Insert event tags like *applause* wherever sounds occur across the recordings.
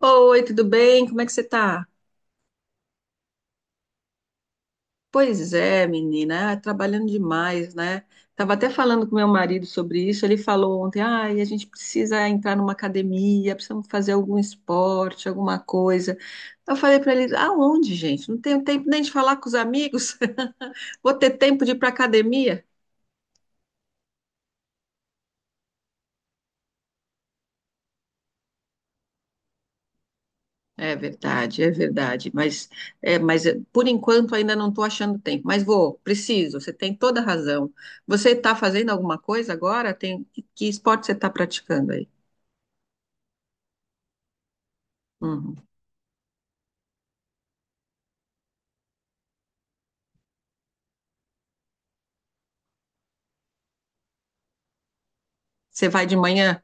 Oi, tudo bem? Como é que você tá? Pois é, menina, ah, trabalhando demais, né? Tava até falando com meu marido sobre isso. Ele falou ontem: ai, a gente precisa entrar numa academia, precisamos fazer algum esporte, alguma coisa. Eu falei pra ele: aonde, gente? Não tenho tempo nem de falar com os amigos. *laughs* Vou ter tempo de ir pra academia? É verdade, é verdade. Mas é, por enquanto ainda não estou achando tempo. Mas vou, preciso. Você tem toda a razão. Você está fazendo alguma coisa agora? Que esporte você está praticando aí? Uhum. Você vai de manhã?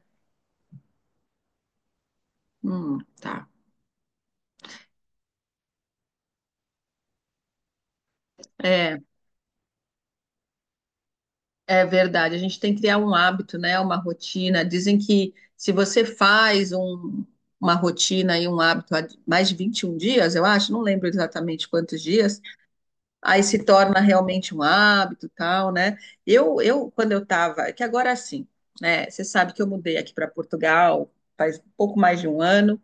Tá. É, é verdade. A gente tem que criar um hábito, né? Uma rotina. Dizem que se você faz uma rotina e um hábito há mais de 21 dias, eu acho, não lembro exatamente quantos dias, aí se torna realmente um hábito, tal, né? Eu quando eu tava, é que agora sim, né? Você sabe que eu mudei aqui para Portugal faz pouco mais de um ano.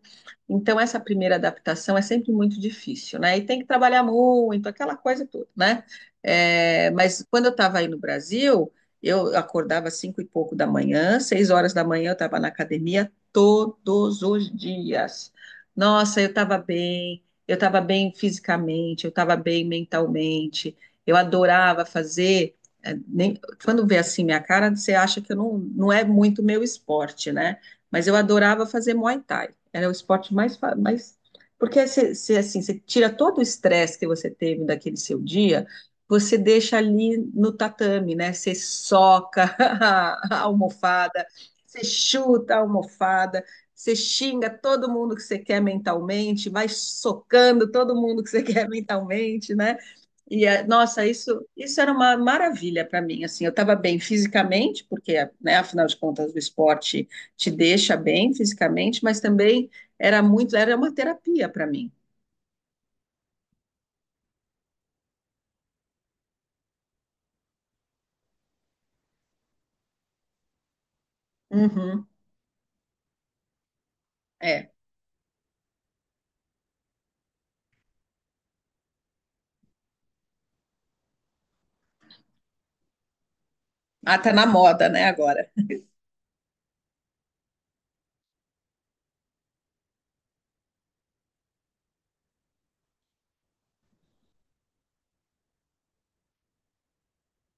Então, essa primeira adaptação é sempre muito difícil, né? E tem que trabalhar muito, aquela coisa toda, né? É, mas quando eu estava aí no Brasil, eu acordava às cinco e pouco da manhã, 6 horas da manhã eu estava na academia todos os dias. Nossa, eu estava bem fisicamente, eu estava bem mentalmente, eu adorava fazer. É, quando vê assim minha cara, você acha que eu não, não é muito meu esporte, né? Mas eu adorava fazer Muay Thai. Era o esporte mais, mais. Porque você, você, assim, você tira todo o estresse que você teve daquele seu dia, você deixa ali no tatame, né? Você soca *laughs* a almofada, você chuta a almofada, você xinga todo mundo que você quer mentalmente, vai socando todo mundo que você *laughs* quer mentalmente, né? E, nossa, isso era uma maravilha para mim. Assim, eu estava bem fisicamente, porque, né, afinal de contas, o esporte te deixa bem fisicamente, mas também era muito, era uma terapia para mim. Uhum, é. Ah, tá na moda, né, agora.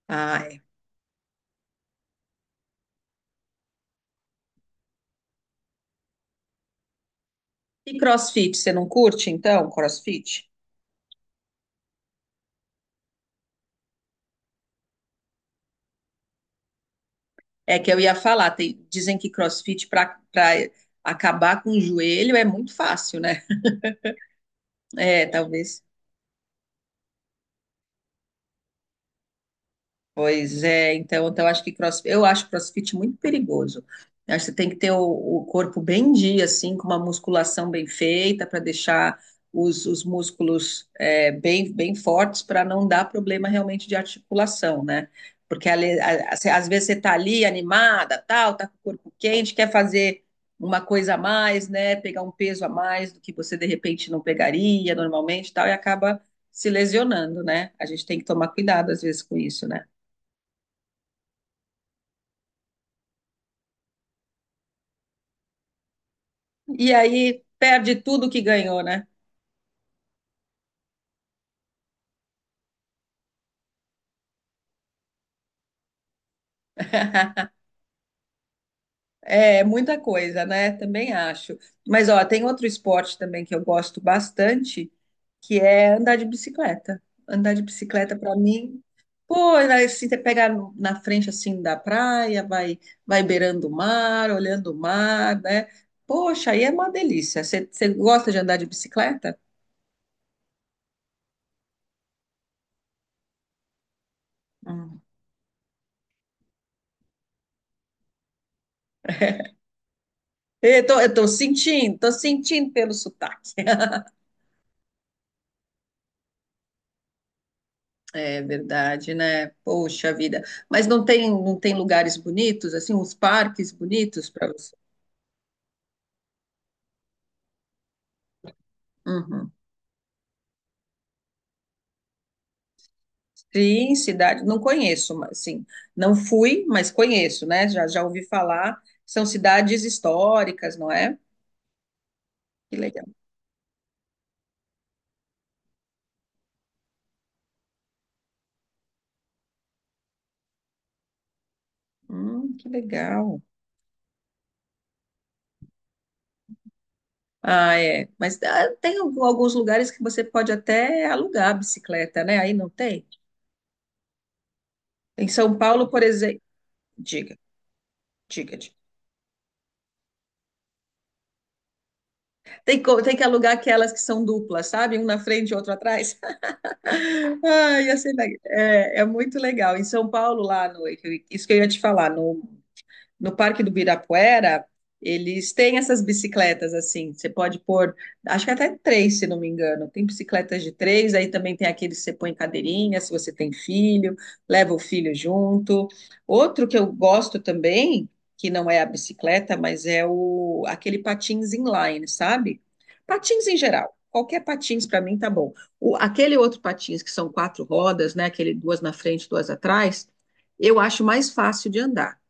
Ah, é. E CrossFit, você não curte, então, CrossFit? É que eu ia falar, dizem que CrossFit para para acabar com o joelho é muito fácil, né? É, talvez. Pois é, então, então acho que cross, eu acho CrossFit muito perigoso. Eu acho que você tem que ter o corpo bem em dia, assim, com uma musculação bem feita para deixar os músculos é, bem, bem fortes para não dar problema realmente de articulação, né? Porque às vezes você tá ali animada, tal, tá com o corpo quente, quer fazer uma coisa a mais, né? Pegar um peso a mais do que você de repente não pegaria normalmente, tal, e acaba se lesionando, né? A gente tem que tomar cuidado às vezes com isso, né? E aí perde tudo que ganhou, né? *laughs* É muita coisa, né? Também acho. Mas ó, tem outro esporte também que eu gosto bastante, que é andar de bicicleta. Andar de bicicleta para mim, pô, assim, você pega na frente assim da praia, vai beirando o mar, olhando o mar, né? Poxa, aí é uma delícia. Você gosta de andar de bicicleta? Hum. Eu tô sentindo, tô sentindo pelo sotaque. É verdade, né? Poxa vida. Mas não tem, não tem lugares bonitos, assim, uns parques bonitos para você? Uhum. Sim, cidade, não conheço, mas sim, não fui, mas conheço, né? Já, já ouvi falar. São cidades históricas, não é? Que legal. Que legal. Ah, é. Mas ah, tem alguns lugares que você pode até alugar a bicicleta, né? Aí não tem? Em São Paulo, por exemplo. Diga, diga, diga. Tem que alugar aquelas que são duplas, sabe? Um na frente e outro atrás. Ai, ia é muito legal. Em São Paulo, lá no. Isso que eu ia te falar, no Parque do Birapuera, eles têm essas bicicletas assim, você pode pôr, acho que até três, se não me engano. Tem bicicletas de três, aí também tem aqueles que você põe em cadeirinha, se você tem filho, leva o filho junto. Outro que eu gosto também, que não é a bicicleta, mas é o aquele patins inline, sabe? Patins em geral. Qualquer patins para mim tá bom. O, aquele outro patins que são quatro rodas, né? Aquele duas na frente, duas atrás, eu acho mais fácil de andar.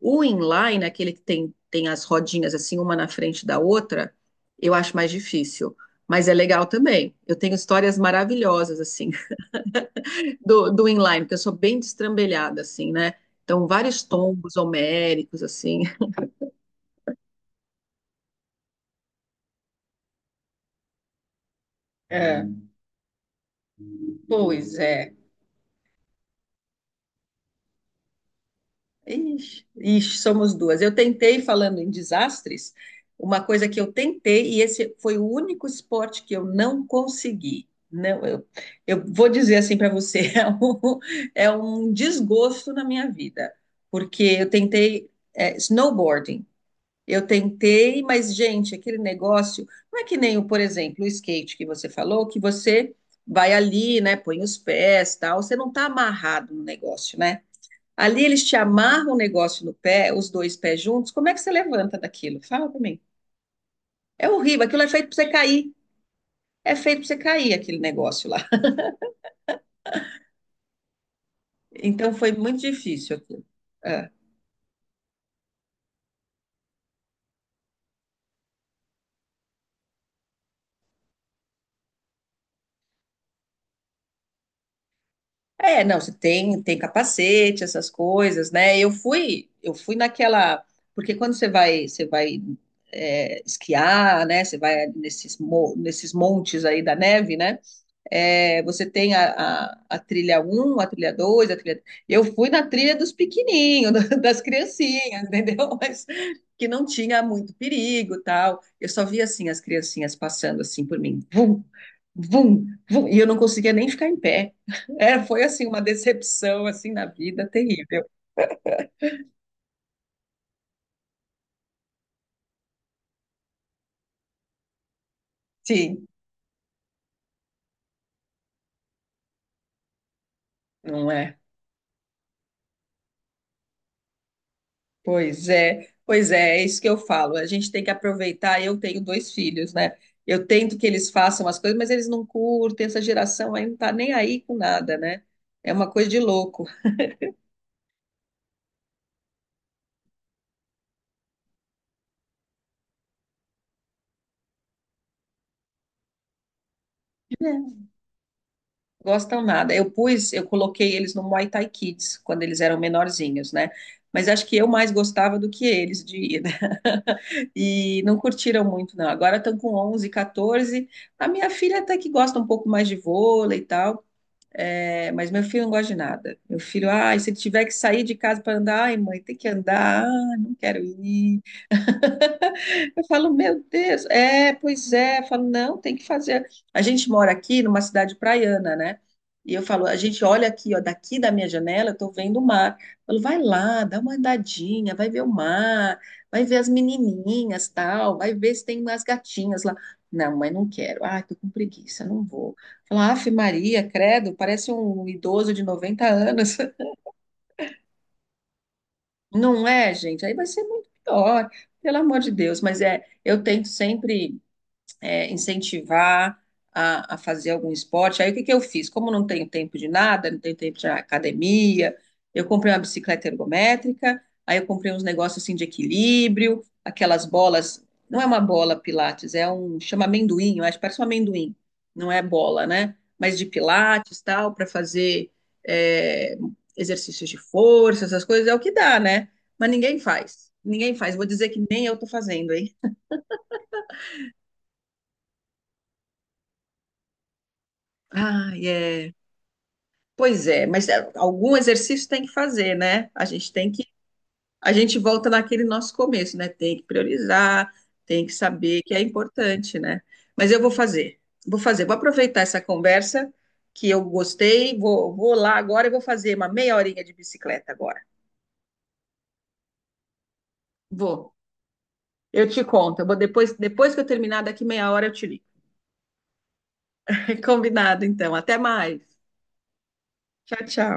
O inline, aquele que tem, tem as rodinhas assim, uma na frente da outra, eu acho mais difícil. Mas é legal também. Eu tenho histórias maravilhosas, assim, *laughs* do inline, porque eu sou bem destrambelhada, assim, né? Então, vários tombos homéricos, assim. É, pois é. Ixi, ixi, somos duas. Eu tentei, falando em desastres, uma coisa que eu tentei, e esse foi o único esporte que eu não consegui. Não, eu vou dizer assim para você, *laughs* é um desgosto na minha vida, porque eu tentei, snowboarding. Eu tentei, mas, gente, aquele negócio não é que nem, o, por exemplo, o skate que você falou, que você vai ali, né, põe os pés, tal, você não está amarrado no negócio, né? Ali eles te amarram o negócio no pé, os dois pés juntos. Como é que você levanta daquilo? Fala pra mim. É horrível, aquilo é feito pra você cair. É feito pra você cair aquele negócio lá. *laughs* Então foi muito difícil aquilo. É. É, não, você tem, tem capacete, essas coisas, né? Eu fui naquela, porque quando você vai, é, esquiar, né? Você vai nesses, nesses montes aí da neve, né? É, você tem a, a trilha um, a trilha 2, a trilha. Eu fui na trilha dos pequenininhos, *laughs* das criancinhas, entendeu? *laughs* Mas que não tinha muito perigo, tal. Eu só via assim as criancinhas passando assim por mim, vum, vum, vum, e eu não conseguia nem ficar em pé. *laughs* Era, foi assim uma decepção assim na vida terrível. Sim, não é. Pois é, pois é, é isso que eu falo. A gente tem que aproveitar. Eu tenho dois filhos, né? Eu tento que eles façam as coisas, mas eles não curtem. Essa geração aí não tá nem aí com nada, né? É uma coisa de louco. É. Gostam nada. Eu coloquei eles no Muay Thai Kids quando eles eram menorzinhos, né? Mas acho que eu mais gostava do que eles de ir, né? *laughs* E não curtiram muito, não. Agora estão com 11, 14. A minha filha até que gosta um pouco mais de vôlei e tal. É, mas meu filho não gosta de nada. Meu filho, ai, se ele tiver que sair de casa para andar, ai, mãe, tem que andar, ai, não quero ir. Eu falo, meu Deus, é, pois é. Eu falo, não, tem que fazer. A gente mora aqui numa cidade praiana, né? E eu falo, a gente olha aqui, ó, daqui da minha janela, eu tô vendo o mar. Eu falo, vai lá, dá uma andadinha, vai ver o mar, vai ver as menininhas, tal, vai ver se tem umas gatinhas lá. Não, mas não quero. Ah, tô com preguiça, não vou. Falar, afe Maria, credo, parece um idoso de 90 anos. *laughs* Não é, gente? Aí vai ser muito pior, pelo amor de Deus. Mas é, eu tento sempre incentivar a fazer algum esporte. Aí o que que eu fiz? Como não tenho tempo de nada, não tenho tempo de academia, eu comprei uma bicicleta ergométrica, aí eu comprei uns negócios assim de equilíbrio, aquelas bolas, não é uma bola Pilates, é um, chama amendoim, eu acho, que parece um amendoim, não é bola, né? Mas de Pilates, tal, para fazer é, exercícios de força, essas coisas, é o que dá, né? Mas ninguém faz, ninguém faz. Vou dizer que nem eu tô fazendo, hein? Ah, é. Pois é, mas é, algum exercício tem que fazer, né? A gente volta naquele nosso começo, né? Tem que priorizar, tem que saber que é importante, né? Mas eu vou fazer, vou fazer, vou aproveitar essa conversa que eu gostei, vou lá agora e vou fazer uma meia horinha de bicicleta agora. Vou. Eu te conto, eu vou depois, depois que eu terminar daqui meia hora eu te ligo. *laughs* Combinado, então. Até mais. Tchau, tchau.